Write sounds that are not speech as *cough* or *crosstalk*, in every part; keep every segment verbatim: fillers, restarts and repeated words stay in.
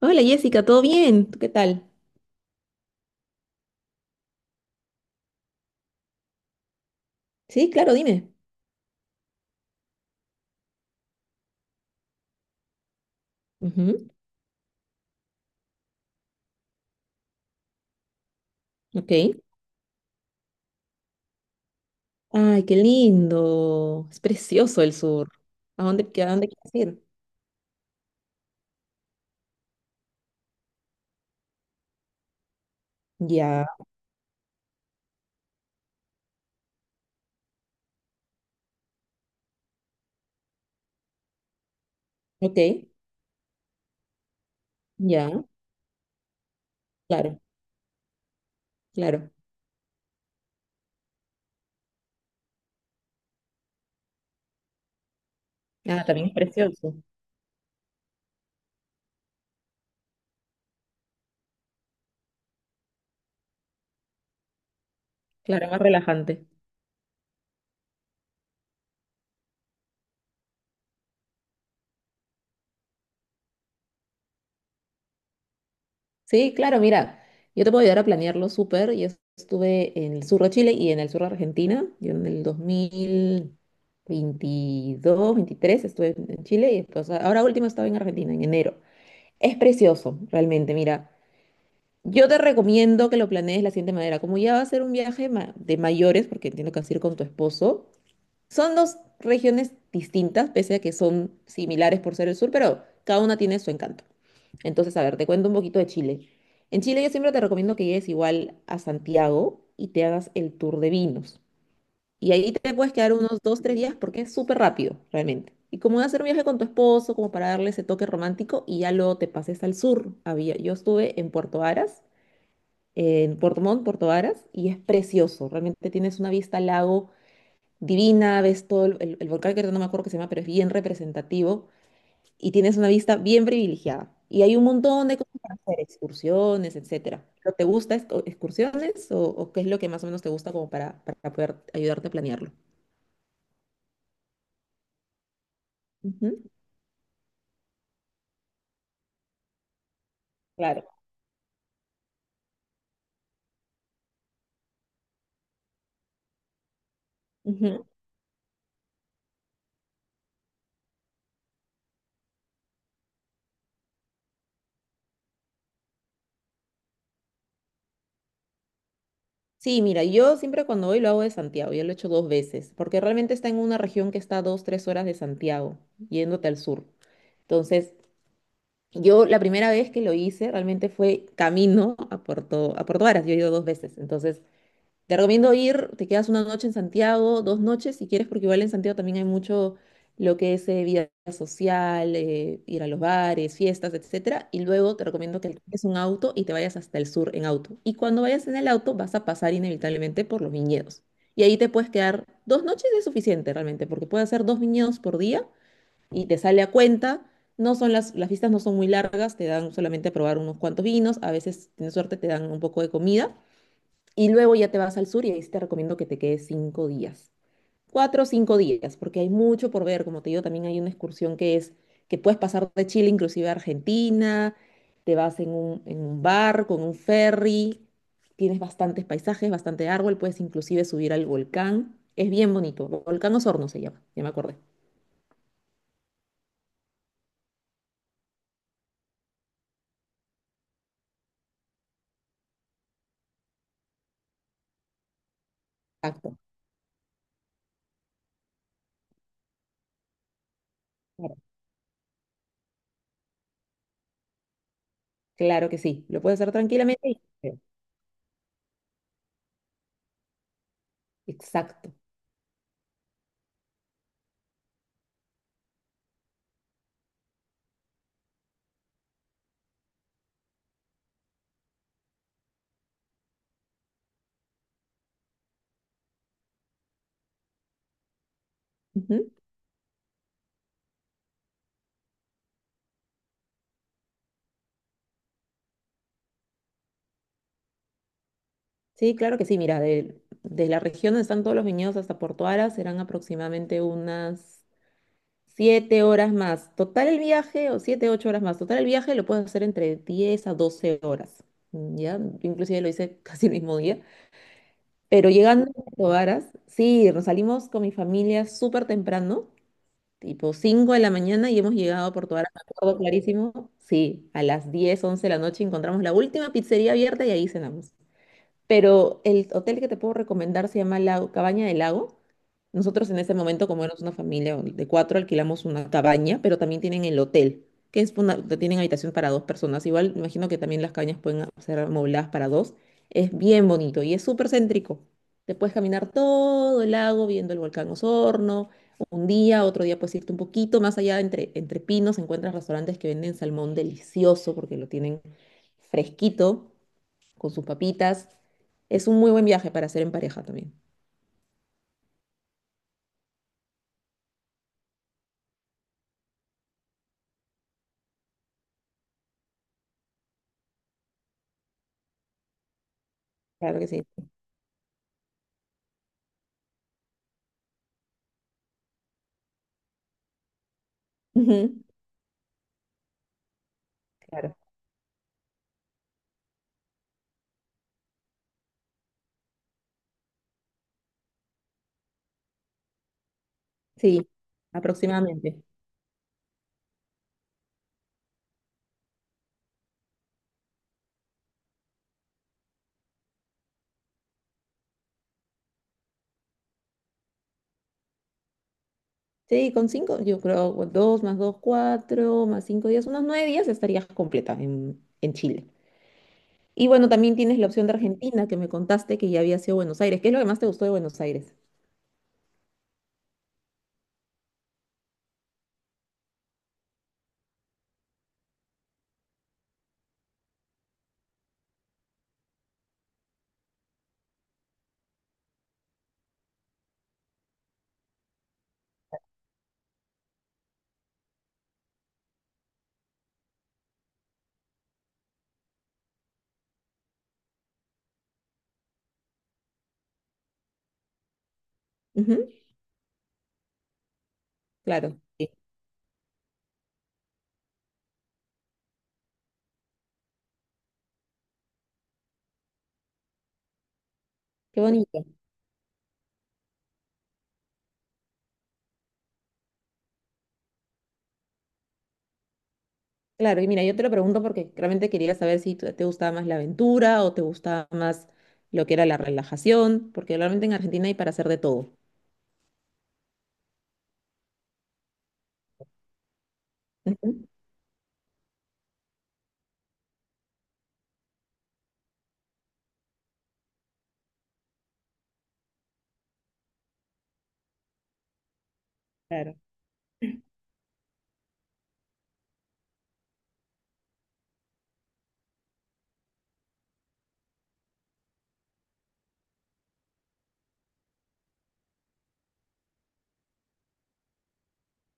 Hola Jessica, ¿todo bien? ¿Tú qué tal? Sí, claro, dime. Ujú, ok. Ay, qué lindo. Es precioso el sur. ¿A dónde, qué- a dónde quieres ir? Ya, ok. Ya, claro, claro. Ah, también es precioso. Claro, más relajante. Sí, claro, mira, yo te puedo ayudar a planearlo súper. Yo estuve en el sur de Chile y en el sur de Argentina. Yo en el dos mil veintidós, veintitrés estuve en en Chile y después, ahora último estaba en Argentina, en enero. Es precioso, realmente, mira. Yo te recomiendo que lo planees de la siguiente manera. Como ya va a ser un viaje ma- de mayores, porque entiendo que vas a ir con tu esposo, son dos regiones distintas, pese a que son similares por ser el sur, pero cada una tiene su encanto. Entonces, a ver, te cuento un poquito de Chile. En Chile yo siempre te recomiendo que llegues igual a Santiago y te hagas el tour de vinos. Y ahí te puedes quedar unos dos, tres días porque es súper rápido, realmente. Y como va a ser un viaje con tu esposo, como para darle ese toque romántico, y ya luego te pases al sur. Había, yo estuve en Puerto Varas en Puerto Montt, Puerto Varas y es precioso. Realmente tienes una vista al lago divina, ves todo el, el- el volcán que ahorita no me acuerdo que se llama, pero es bien representativo y tienes una vista bien privilegiada. Y hay un montón de cosas para hacer, excursiones, etcétera. ¿Pero ¿Te gusta esto- excursiones o, o qué es lo que más o menos te gusta como para, para poder ayudarte a planearlo? Ujú. Claro. Ujú. Sí, mira, yo siempre cuando voy lo hago de Santiago, yo lo he hecho dos veces, porque realmente está en una región que está a dos, tres horas de Santiago, yéndote al sur. Entonces, yo la primera vez que lo hice realmente fue camino a Puerto, a Puerto Varas. Yo he ido dos veces. Entonces, te recomiendo ir, te quedas una noche en Santiago, dos noches si quieres, porque igual en Santiago también hay mucho lo que es eh, vida social, eh, ir a los bares, fiestas, etcétera. Y luego te recomiendo que alquiles un auto y te vayas hasta el sur en auto. Y cuando vayas en el auto vas a pasar inevitablemente por los viñedos. Y ahí te puedes quedar dos noches es suficiente realmente, porque puedes hacer dos viñedos por día y te sale a cuenta. No son las, las fiestas no son muy largas, te dan solamente a probar unos cuantos vinos, a veces, si tienes suerte, te dan un poco de comida y luego ya te vas al sur y ahí sí te recomiendo que te quedes cinco días. Cuatro o cinco días, porque hay mucho por ver, como te digo, también hay una excursión que es que puedes pasar de Chile inclusive a Argentina, te vas en un, en un bar, con un ferry, tienes bastantes paisajes, bastante árbol, puedes inclusive subir al volcán, es bien bonito, Volcán Osorno se llama, ya me acordé. Exacto. Claro. Claro que sí, lo puedes hacer tranquilamente. y- Exacto. Ujú. Sí, claro que sí. Mira, de, de la región donde están todos los viñedos hasta Porto Ara serán aproximadamente unas siete horas más. Total el viaje, o siete, ocho horas más. Total el viaje lo puedes hacer entre diez a doce horas. ¿Ya? Yo inclusive lo hice *laughs* casi el mismo día. Pero llegando a Porto Aras, sí, nos salimos con mi familia súper temprano. Tipo cinco de la mañana y hemos llegado a Porto Ara, me acuerdo clarísimo. Sí, a las diez once de la noche encontramos la última pizzería abierta y ahí cenamos. Pero el hotel que te puedo recomendar se llama La Cabaña del Lago. Nosotros en ese momento, como éramos una familia de cuatro, alquilamos una cabaña, pero también tienen el hotel, que es una, tienen habitación para dos personas. Igual, me imagino que también las cabañas pueden a- ser amobladas para dos. Es bien bonito y es súper céntrico. Te puedes caminar todo el lago viendo el volcán Osorno. Un día, otro día puedes irte un poquito más allá, entre, entre pinos, encuentras restaurantes que venden salmón delicioso porque lo tienen fresquito, con sus papitas. Es un muy buen viaje para hacer en pareja también. Claro que sí. *laughs* Ujú. Claro. Sí, aproximadamente. Sí, con cinco, yo creo, o dos más dos, cuatro, más cinco días, unos nueve días estarías completa en, en Chile. Y bueno, también tienes la opción de Argentina, que me contaste que ya había sido Buenos Aires. ¿Qué es lo que más te gustó de Buenos Aires? Ujú, claro, sí. Qué bonito. Claro, y mira, yo te lo pregunto porque realmente quería saber si tú- te gustaba más la aventura o te gustaba más lo que era la relajación, porque realmente en Argentina hay para hacer de todo. Ujú. Claro.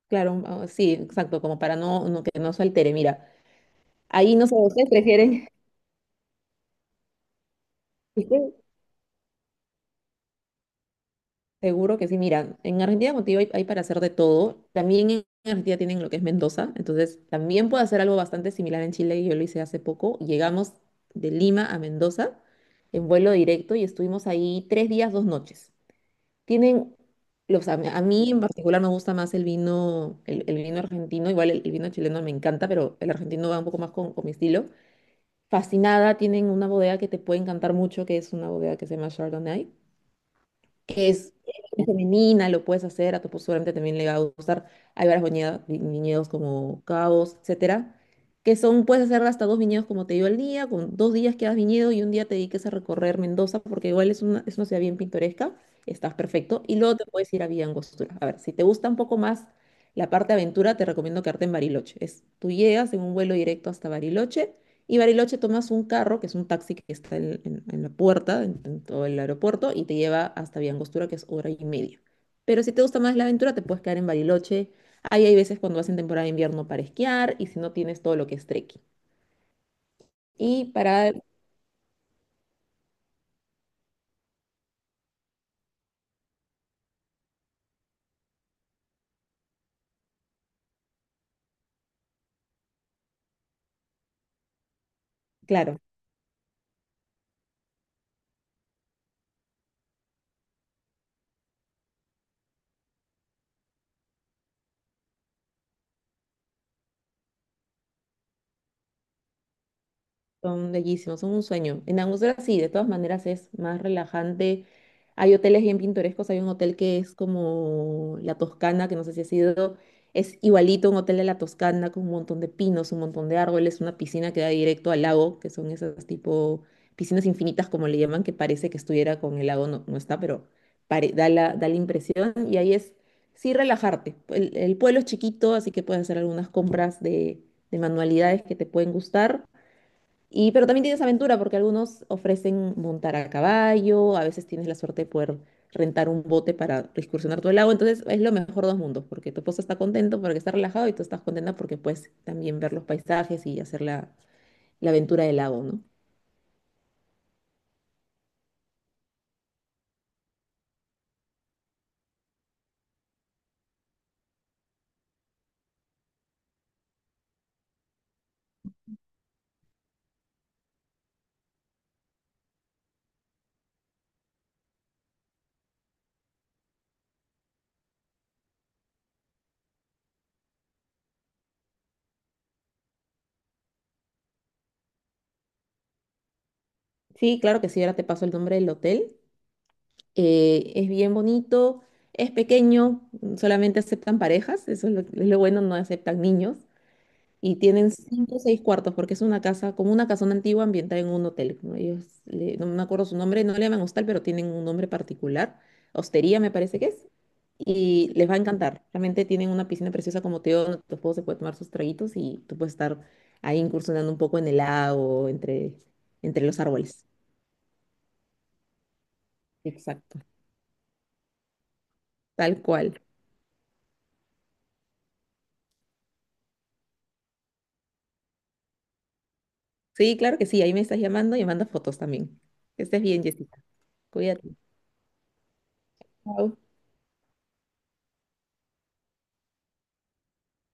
Claro, un- ah, sí, exacto, como para no, no- que no se altere. Mira, ahí no sé, ustedes prefieren. *laughs* ¿Viste? Seguro que sí, mira, en Argentina contigo hay, hay para hacer de todo. También en Argentina tienen lo que es Mendoza, entonces también puedo hacer algo bastante similar en Chile, yo lo hice hace poco. Llegamos de Lima a Mendoza en vuelo directo y estuvimos ahí tres días, dos noches. Tienen, los, a, a mí en particular me gusta más el vino, el, el vino argentino, igual el, el vino chileno me encanta, pero el argentino va un poco más con con mi estilo. Fascinada. Tienen una bodega que te puede encantar mucho, que es una bodega que se llama Chardonnay, que es femenina, lo puedes hacer, a tu esposo seguramente también le va a gustar. Hay varios viñedos, viñedos como Cabos, etcétera, que son, puedes hacer hasta dos viñedos, como te digo, al día, con dos días que hagas viñedo y un día te dediques a recorrer Mendoza, porque igual es una, es una ciudad bien pintoresca, estás perfecto, y luego te puedes ir a Villa Angostura. A ver, si te gusta un poco más la parte aventura, te recomiendo quedarte en Bariloche. Es, tú llegas en un vuelo directo hasta Bariloche, y Bariloche tomas un carro, que es un taxi que está en, en- en la puerta, en, en todo el aeropuerto, y te lleva hasta Villangostura, que es hora y media. Pero si te gusta más la aventura, te puedes quedar en Bariloche. Ahí hay veces cuando vas en temporada de invierno para esquiar, y si no tienes todo lo que es trekking. Y para, claro. Son bellísimos, son un sueño. En Angostura sí, de todas maneras es más relajante. Hay hoteles bien pintorescos, hay un hotel que es como La Toscana, que no sé si ha sido, es igualito a un hotel de La Toscana con un montón de pinos, un montón de árboles, una piscina que da directo al lago, que son esas tipo piscinas infinitas como le llaman, que parece que estuviera con el lago, no, no está, pero pare- da la, da la impresión y ahí es sí relajarte. El, el pueblo es chiquito, así que puedes hacer algunas compras de de manualidades que te pueden gustar. Y, pero también tienes aventura porque algunos ofrecen montar a caballo, a veces tienes la suerte de poder rentar un bote para excursionar todo el lago, entonces es lo mejor de dos mundos, porque tu esposo está contento porque está relajado y tú estás contenta porque puedes también ver los paisajes y hacer la, la aventura del lago, ¿no? Sí, claro que sí, ahora te paso el nombre del hotel. Eh, es bien bonito, es pequeño, solamente aceptan parejas, eso es lo, es lo bueno, no aceptan niños. Y tienen cinco o seis cuartos, porque es una casa, como una casona antigua ambientada en un hotel. ¿No? Ellos, le- no me acuerdo su nombre, no le llaman hostal, pero tienen un nombre particular. Hostería me parece que es. Y les va a encantar. Realmente tienen una piscina preciosa como te digo, donde tu esposo se puede tomar sus traguitos y tú puedes estar ahí incursionando un poco en el lago, entre, entre los árboles. Exacto. Tal cual. Sí, claro que sí. Ahí me estás llamando y me mandas fotos también. Que estés bien, Jessica. Cuídate. Chao.